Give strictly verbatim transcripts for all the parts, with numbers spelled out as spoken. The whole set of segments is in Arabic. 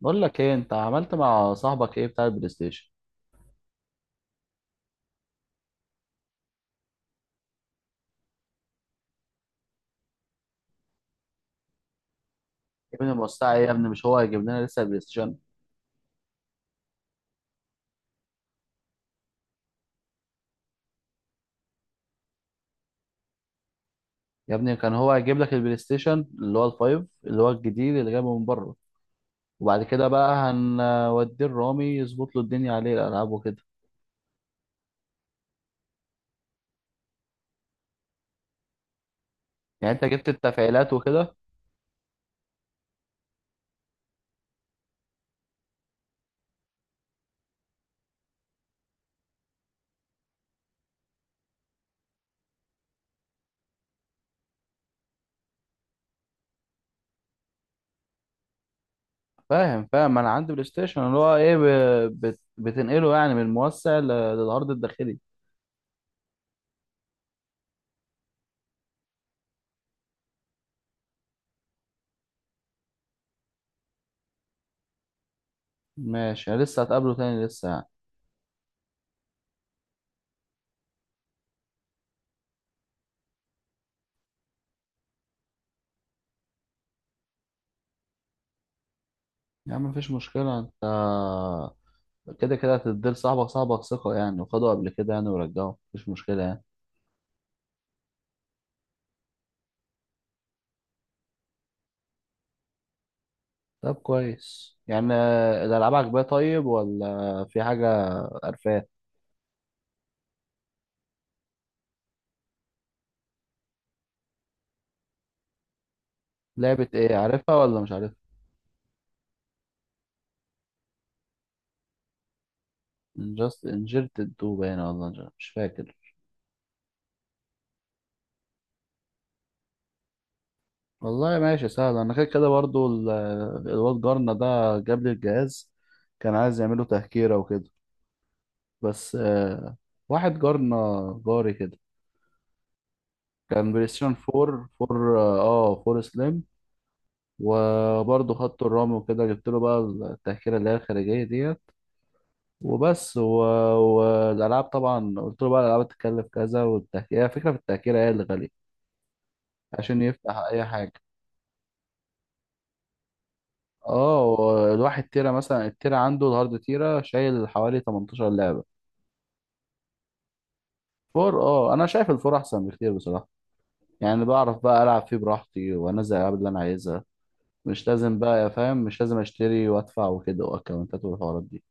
بقول لك ايه؟ انت عملت مع صاحبك ايه بتاع البلاي ستيشن؟ يا ابني المستعى ايه يا ابني؟ مش هو هيجيب لنا لسه البلاي ستيشن؟ يا ابني كان هو هيجيب لك البلاي ستيشن اللي هو الفايف، اللي هو الجديد اللي جايبه من بره، وبعد كده بقى هنوديه الرامي يظبط له الدنيا عليه الالعاب وكده. يعني انت جبت التفعيلات وكده؟ فاهم فاهم، انا عندي بلاي ستيشن اللي هو ايه، ب- بت- بتنقله يعني من الموسع ل- للعرض الداخلي. ماشي، لسه هتقابله تاني لسه يعني؟ يا عم مفيش مشكلة، انت كده كده هتديل صاحبك، صاحبك ثقة يعني، وخدوا قبل كده يعني ورجعوا، مفيش مشكلة يعني. طب كويس يعني، آه، الألعاب عجباه، طيب ولا في حاجة قرفاه؟ لعبة إيه؟ عارفها ولا مش عارفها؟ انجست انجرت الدو باينة، والله مش مش فاكر. والله ماشي سهل، أنا كده كده برضو ال- آه، الواد جارنا ده جاب لي الجهاز، كان عايز يعمله تهكيرة وكده، بس آه، واحد جارنا، جاري كده. كان بلاي ستيشن أربعة فور اه فور سليم، وبرضه خط الرمل وكده. جبت له بقى التأشيرة اللي هي الخارجية ديت وبس، و... والألعاب طبعا قلت له بقى الألعاب هتتكلف كذا، والتأشيرة هي فكرة، في التأشيرة هي اللي غالية عشان يفتح أي حاجة. اه، الواحد تيرة مثلا، التيرة عنده الهارد تيرة شايل حوالي 18 لعبة. فور، اه أنا شايف الفور أحسن بكتير بصراحة. يعني بعرف بقى ألعب فيه براحتي وأنزل الألعاب اللي أنا عايزها، مش لازم بقى يا فاهم، مش لازم أشتري وأدفع وكده وأكونتات والحوارات دي.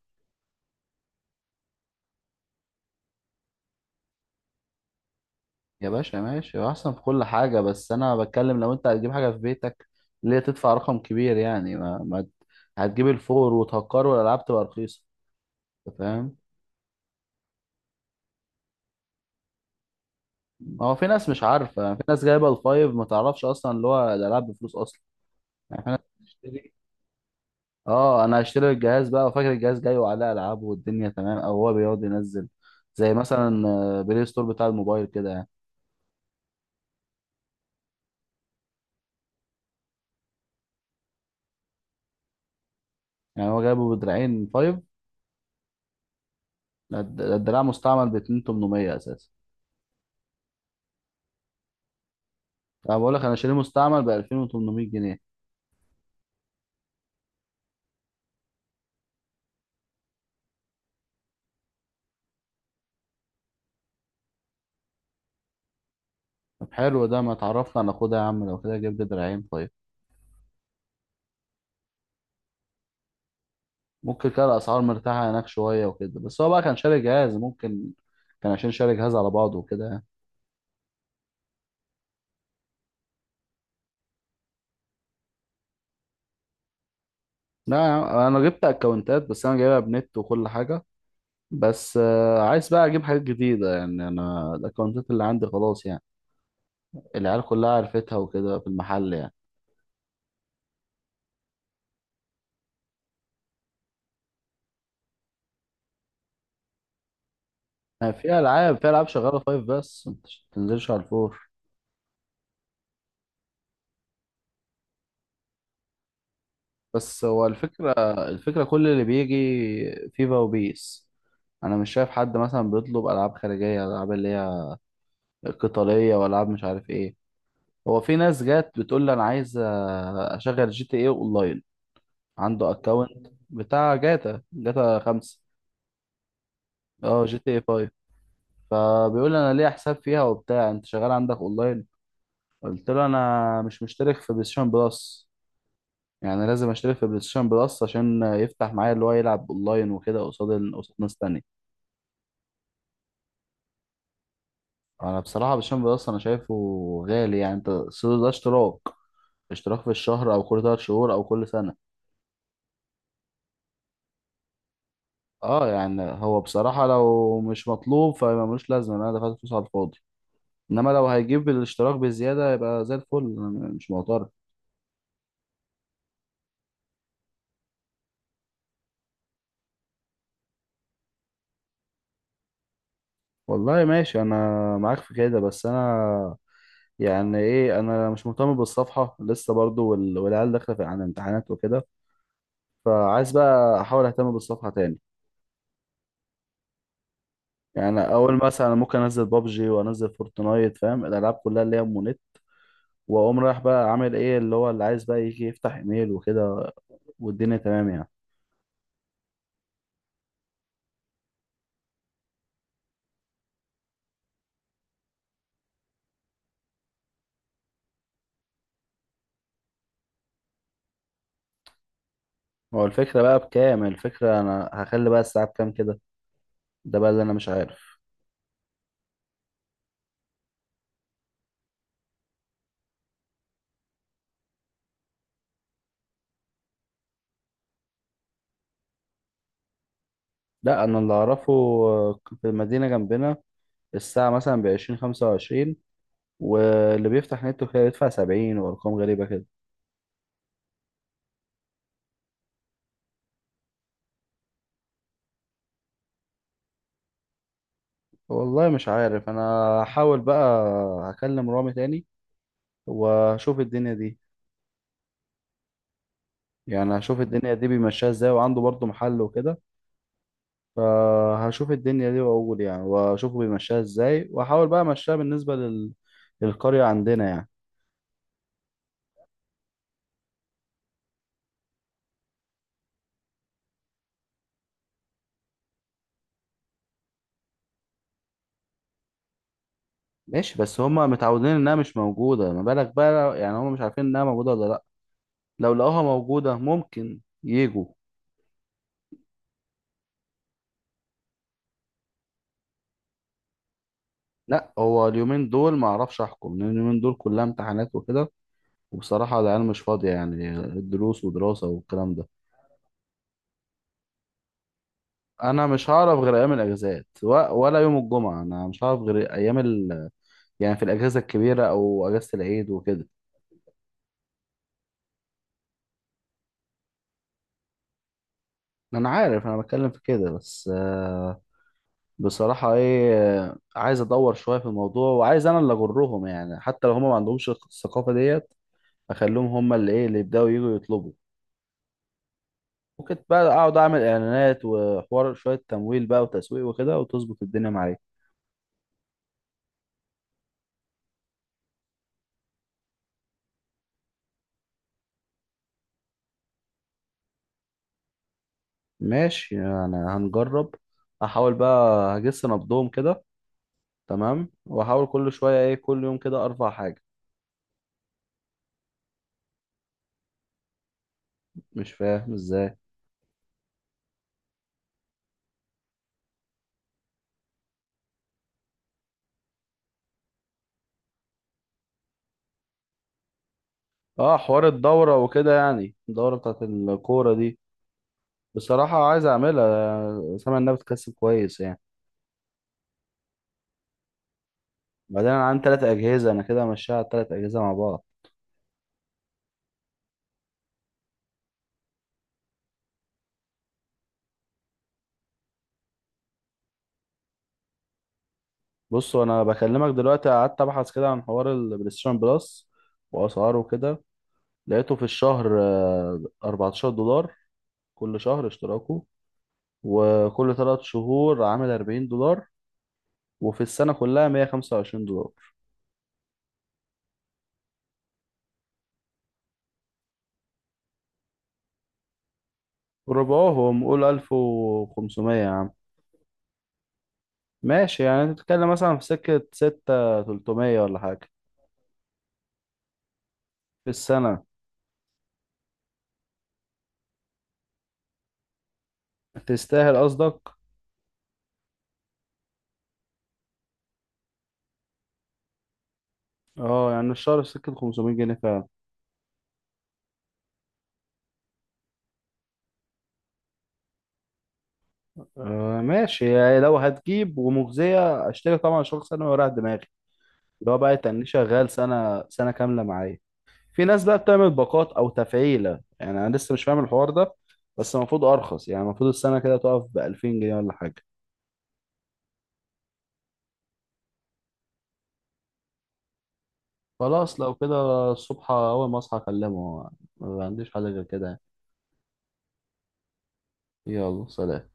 يا باشا ماشي، هو احسن في كل حاجة، بس انا بتكلم لو انت هتجيب حاجة في بيتك، ليه تدفع رقم كبير؟ يعني ما, ما ت- هتجيب الفور وتهكر والالعاب تبقى رخيصة. أنت فاهم؟ ما هو في ناس مش عارفة، في ناس جايبة الفايف ما تعرفش اصلا اللي هو الالعاب بفلوس اصلا. يعني في ناس بتشتري. اه، انا هشتري الجهاز بقى وفاكر الجهاز جاي وعليه العاب والدنيا تمام، او هو بيقعد ينزل زي مثلا آه، بلاي ستور بتاع الموبايل كده يعني. يعني هو جايبه بدراعين فايف؟ ده الدراع مستعمل ب ألفين وتمنمية اساسا. انا بقول لك انا شاريه مستعمل ب ألفين وتمنمية جنيه. طب حلو ده، ما تعرفنا. على خدها يا عم، لو كده جيب لي دراعين، طيب. ممكن كده الاسعار مرتاحه هناك شويه وكده، بس هو بقى كان شاري جهاز ممكن، كان عشان شاري جهاز على بعضه وكده يعني. لا يا عم، انا جبت اكونتات، بس انا جايبها بنت وكل حاجه، بس آه، عايز بقى اجيب حاجات جديده يعني، انا الاكونتات اللي عندي خلاص يعني، العيال كلها عرفتها وكده في المحل يعني. يعني في العاب في العاب شغاله فايف بس ما تنزلش على الفور. بس هو الفكرة، الفكرة كل اللي بيجي فيفا وبيس. أنا مش شايف حد مثلا بيطلب ألعاب خارجية، ألعاب اللي هي قتالية وألعاب مش عارف إيه. هو في ناس جات بتقول لي أنا عايز آه، أشغل جي تي إيه أونلاين، عنده أكونت بتاع جاتا جاتا خمسة. أه جي تي إيه فايف. فبيقول لي أنا ليه حساب فيها وبتاع، أنت شغال عندك أونلاين؟ قلت له أنا مش مشترك في بلايستيشن بلس، يعني لازم أشترك في بلايستيشن بلس عشان يفتح معايا اللي هو يلعب أونلاين وكده قصاد قصاد ناس تانية. انا بصراحه بالشامب اصلا، انا شايفه غالي يعني، انت السوق ده اشتراك، اشتراك في الشهر او كل ثلاث شهور او كل سنه. اه، يعني هو بصراحه لو مش مطلوب فملوش لازمه إن انا دفعت فلوس على الفاضي، انما لو هيجيب الاشتراك بزياده يبقى زي الفل، أنا مش معترض. والله ماشي، انا معاك في كده، بس انا يعني ايه، انا مش مهتم بالصفحه لسه برضو، وال- والعيال داخله في- على امتحانات وكده، فعايز بقى احاول اهتم بالصفحه تاني. يعني أنا اول مثلا، أنا ممكن انزل بابجي وانزل فورتنايت، فاهم، الالعاب كلها اللي هي مونيت، واقوم رايح بقى عامل ايه اللي هو اللي عايز بقى يجي يفتح ايميل وكده، والدنيا تمام يعني. هو الفكره بقى بكام؟ الفكره انا هخلي بقى الساعه بكام كده، ده بقى اللي انا مش عارف. لا، انا اللي اعرفه آه، في المدينه جنبنا الساعه مثلا بعشرين، خمسة وعشرين، واللي بيفتح نت وكده يدفع سبعين وارقام غريبه كده. والله مش عارف انا، هحاول بقى، هكلم رامي تاني واشوف الدنيا دي. يعني هشوف الدنيا دي بيمشيها ازاي، وعنده برضه محل وكده، فهشوف الدنيا دي واقول يعني، واشوفه بيمشيها ازاي واحاول بقى امشيها بالنسبة لل... للقرية عندنا يعني. ماشي، بس هما متعودين انها مش موجودة، ما بالك بقى يعني هما مش عارفين انها موجودة ولا لا، لو لقوها موجودة ممكن يجوا. لا، هو اليومين دول ما اعرفش احكم، لان اليومين دول كلها امتحانات وكده، وبصراحة العيال مش فاضية يعني، الدروس ودراسة والكلام ده. انا مش هعرف غير ايام الاجازات و- ولا يوم الجمعة، انا مش هعرف غير ايام ال... يعني في الأجازة الكبيرة أو أجازة العيد وكده. أنا عارف أنا بتكلم في كده، بس آه، بصراحة إيه، آه، عايز أدور شوية في الموضوع وعايز أنا اللي أجرهم يعني، حتى لو هما ما عندهمش الثقافة ديت أخليهم هما اللي إيه اللي يبدأوا يجوا يطلبوا. ممكن بقى أقعد أعمل إعلانات وحوار، شوية تمويل بقى وتسويق وكده وتظبط الدنيا معايا. ماشي يعني هنجرب، أحاول بقى أجس نبضهم كده، تمام، وأحاول كل شوية إيه، كل يوم كده أرفع حاجة. مش فاهم إزاي. اه، حوار الدورة وكده، يعني الدورة بتاعت الكورة دي. بصراحة عايز اعملها، سامع انها بتكسب كويس يعني. بعدين انا عندي تلات اجهزة، انا كده همشيها على التلات اجهزة مع بعض. بص، انا بكلمك دلوقتي قعدت ابحث كده عن حوار البلايستيشن بلس واسعاره وكده. لقيته في الشهر آه، أربعتاشر دولار كل شهر اشتراكه، وكل تلات شهور عامل أربعين دولار، وفي السنة كلها مية وخمسة وعشرين دولار. ربعهم قول ألف وخمسمائة يا عم. ماشي يعني تتكلم مثلا في سكة ستة تلتمية ولا حاجة في السنة. تستاهل قصدك. اه، يعني الشهر في سكة خمسمية جنيه فعلا. آه ماشي، يعني لو هتجيب ومجزية اشتري طبعا، شخص سنة وراح دماغي، اللي هو بقى يتني شغال سنة سنة كاملة معايا. في ناس بقى بتعمل باقات أو تفعيلة يعني، أنا لسه مش فاهم الحوار ده، بس المفروض أرخص، يعني المفروض السنة كده تقف بألفين جنيه ولا حاجة. خلاص لو كده، الصبح أول ما أصحى أكلمه، ما عنديش حاجة غير كده. يلا سلام.